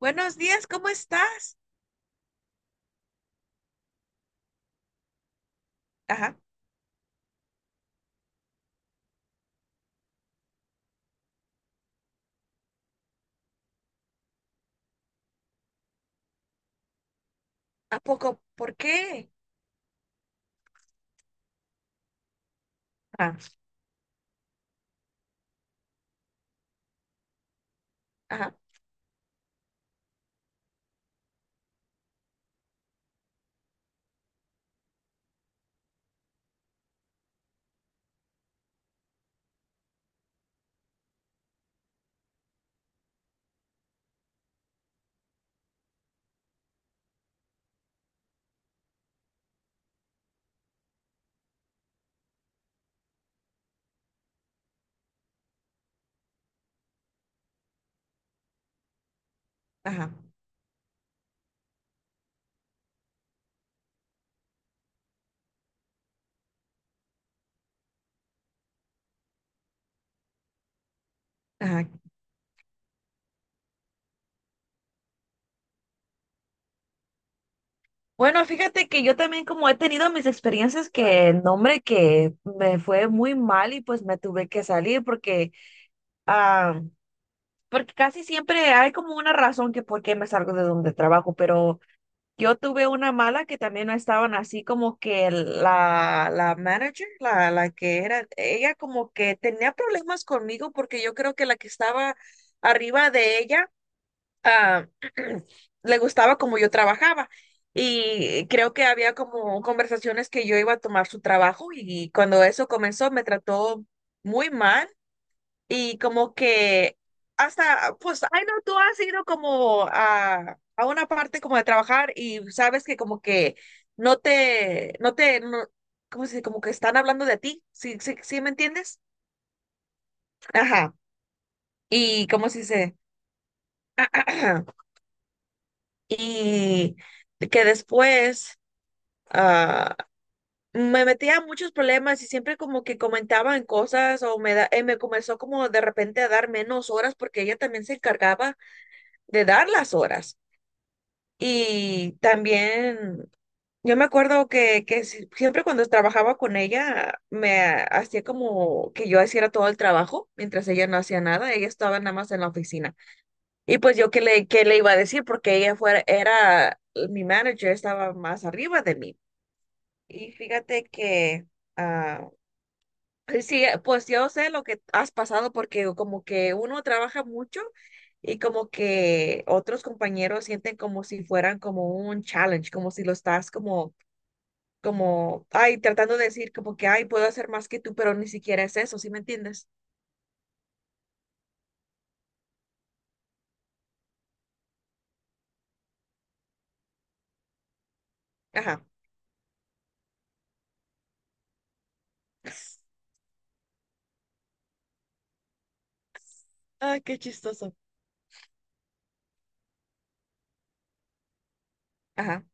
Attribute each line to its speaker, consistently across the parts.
Speaker 1: Buenos días, ¿cómo estás? Ajá. ¿A poco? ¿Por qué? Ajá, ajá, ajá, ajá. Bueno, fíjate que yo también como he tenido mis experiencias que, no, hombre, que me fue muy mal y pues me tuve que salir ah, porque casi siempre hay como una razón que por qué me salgo de donde trabajo, pero yo tuve una mala que también no estaban así como que la manager, la que era, ella como que tenía problemas conmigo porque yo creo que la que estaba arriba de ella ah, le gustaba como yo trabajaba, y creo que había como conversaciones que yo iba a tomar su trabajo, y cuando eso comenzó me trató muy mal. Y como que hasta, pues, ay no, tú has ido como a una parte como de trabajar y sabes que como que no te, no, como si, como que están hablando de ti, ¿sí, sí, sí me entiendes? Ajá, y cómo y que después, ah, me metía en muchos problemas y siempre como que comentaban cosas o me comenzó como de repente a dar menos horas porque ella también se encargaba de dar las horas. Y también yo me acuerdo que siempre cuando trabajaba con ella, me hacía como que yo hiciera todo el trabajo, mientras ella no hacía nada, ella estaba nada más en la oficina. Y pues yo qué le iba a decir, porque ella fuera, era mi manager, estaba más arriba de mí. Y fíjate que... ah, sí, pues yo sé lo que has pasado porque como que uno trabaja mucho y como que otros compañeros sienten como si fueran como un challenge, como si lo estás ay, tratando de decir como que, ay, puedo hacer más que tú, pero ni siquiera es eso, ¿sí me entiendes? Ajá. Ay, qué chistoso. Ajá,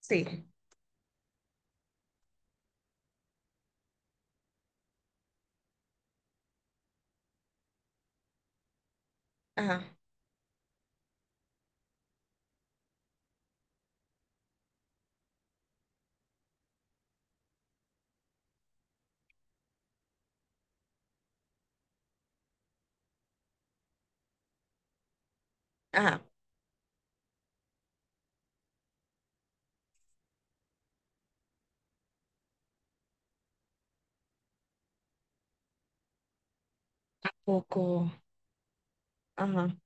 Speaker 1: sí. Ajá, ajá. Poco. Ajá,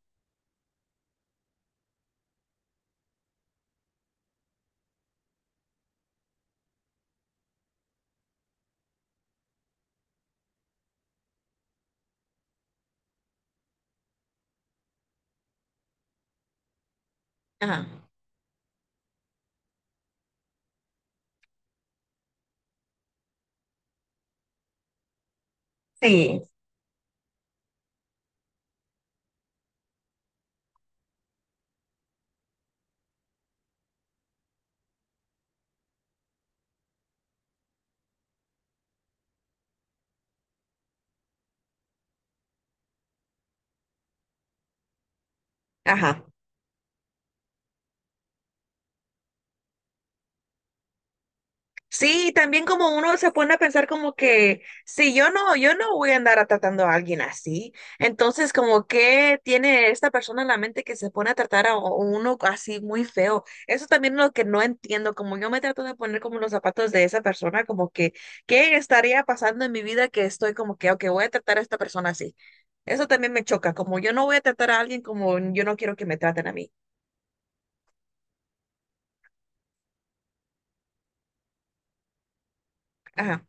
Speaker 1: ajá, sí, ajá. Sí, también como uno se pone a pensar como que si yo no voy a andar tratando a alguien así. Entonces, como que tiene esta persona en la mente que se pone a tratar a uno así muy feo. Eso también es lo que no entiendo, como yo me trato de poner como los zapatos de esa persona, como que, ¿qué estaría pasando en mi vida que estoy como que, ok, voy a tratar a esta persona así? Eso también me choca, como yo no voy a tratar a alguien como yo no quiero que me traten a mí. Ajá,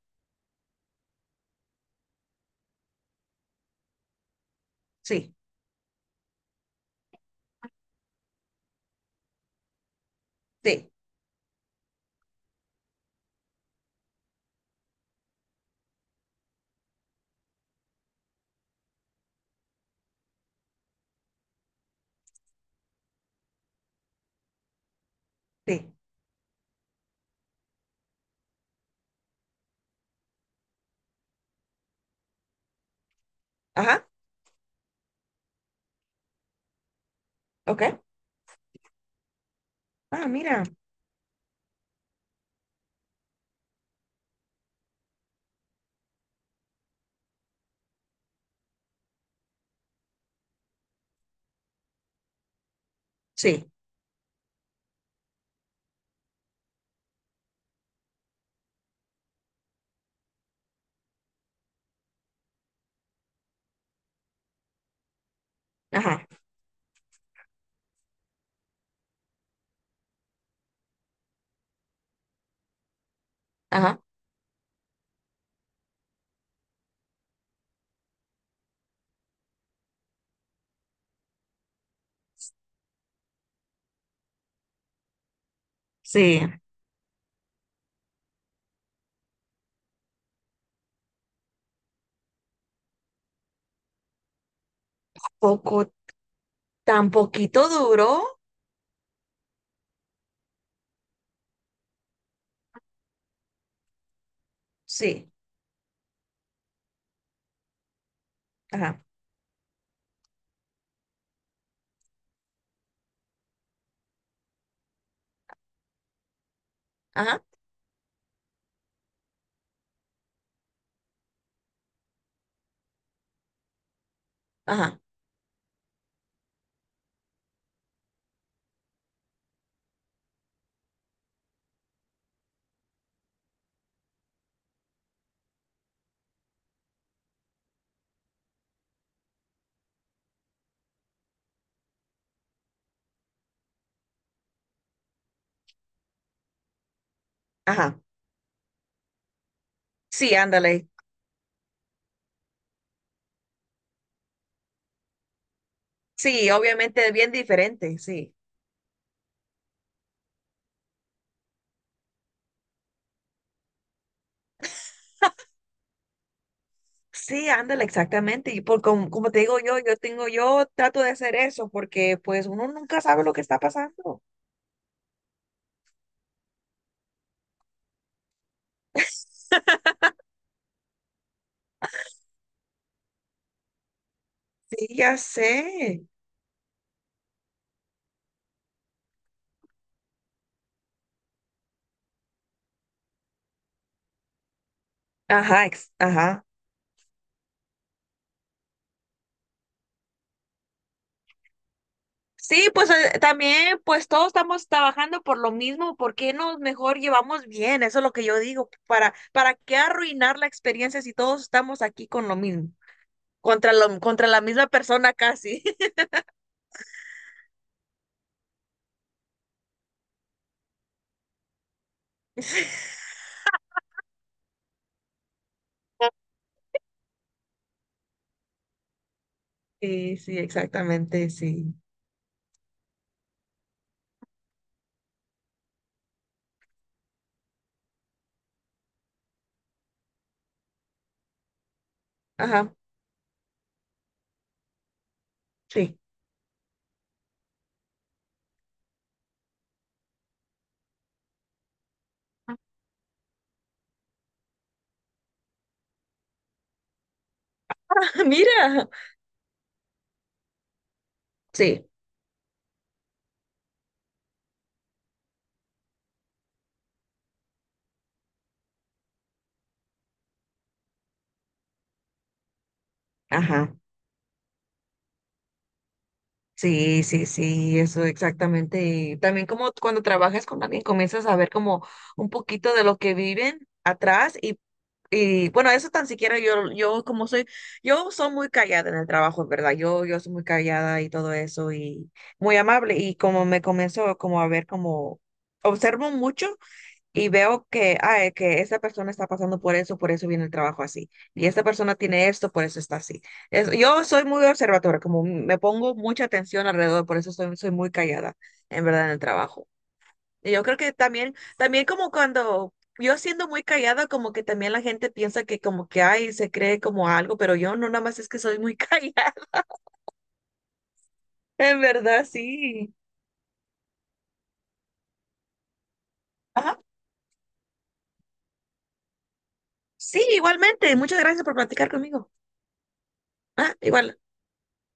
Speaker 1: sí, sí, sí. Ajá, ok. Ah, mira. Sí. Ajá, ajá, sí. Poco, tan poquito duro. Sí, ajá, ajá, ajá, ajá. Sí, ándale. Sí, obviamente es bien diferente, sí. Sí, ándale, exactamente. Y por como te digo yo, yo tengo, yo trato de hacer eso porque pues uno nunca sabe lo que está pasando. Sí, ya sé. Ajá, ajá. Sí, pues también, pues todos estamos trabajando por lo mismo, ¿por qué nos mejor llevamos bien? Eso es lo que yo digo, ¿para qué arruinar la experiencia si todos estamos aquí con lo mismo? Contra la misma persona casi. Sí, sí, exactamente, sí. Ajá, sí. Mira, sí, ajá. Sí, sí, sí, eso exactamente. Y también como cuando trabajas con alguien comienzas a ver como un poquito de lo que viven atrás, y bueno, eso tan siquiera yo como soy, yo soy muy callada en el trabajo, en ¿verdad? Yo soy muy callada y todo eso y muy amable y como me comienzo como a ver como, observo mucho y veo que esta persona está pasando por eso viene el trabajo así. Y esta persona tiene esto, por eso está así. Yo soy muy observadora, como me pongo mucha atención alrededor, por eso soy muy callada, en verdad, en el trabajo. Y yo creo que también como cuando yo siendo muy callada, como que también la gente piensa que como que hay, se cree como algo, pero yo no, nada más es que soy muy callada, en verdad, sí. Ajá. Sí, igualmente. Muchas gracias por platicar conmigo. Ah, igual.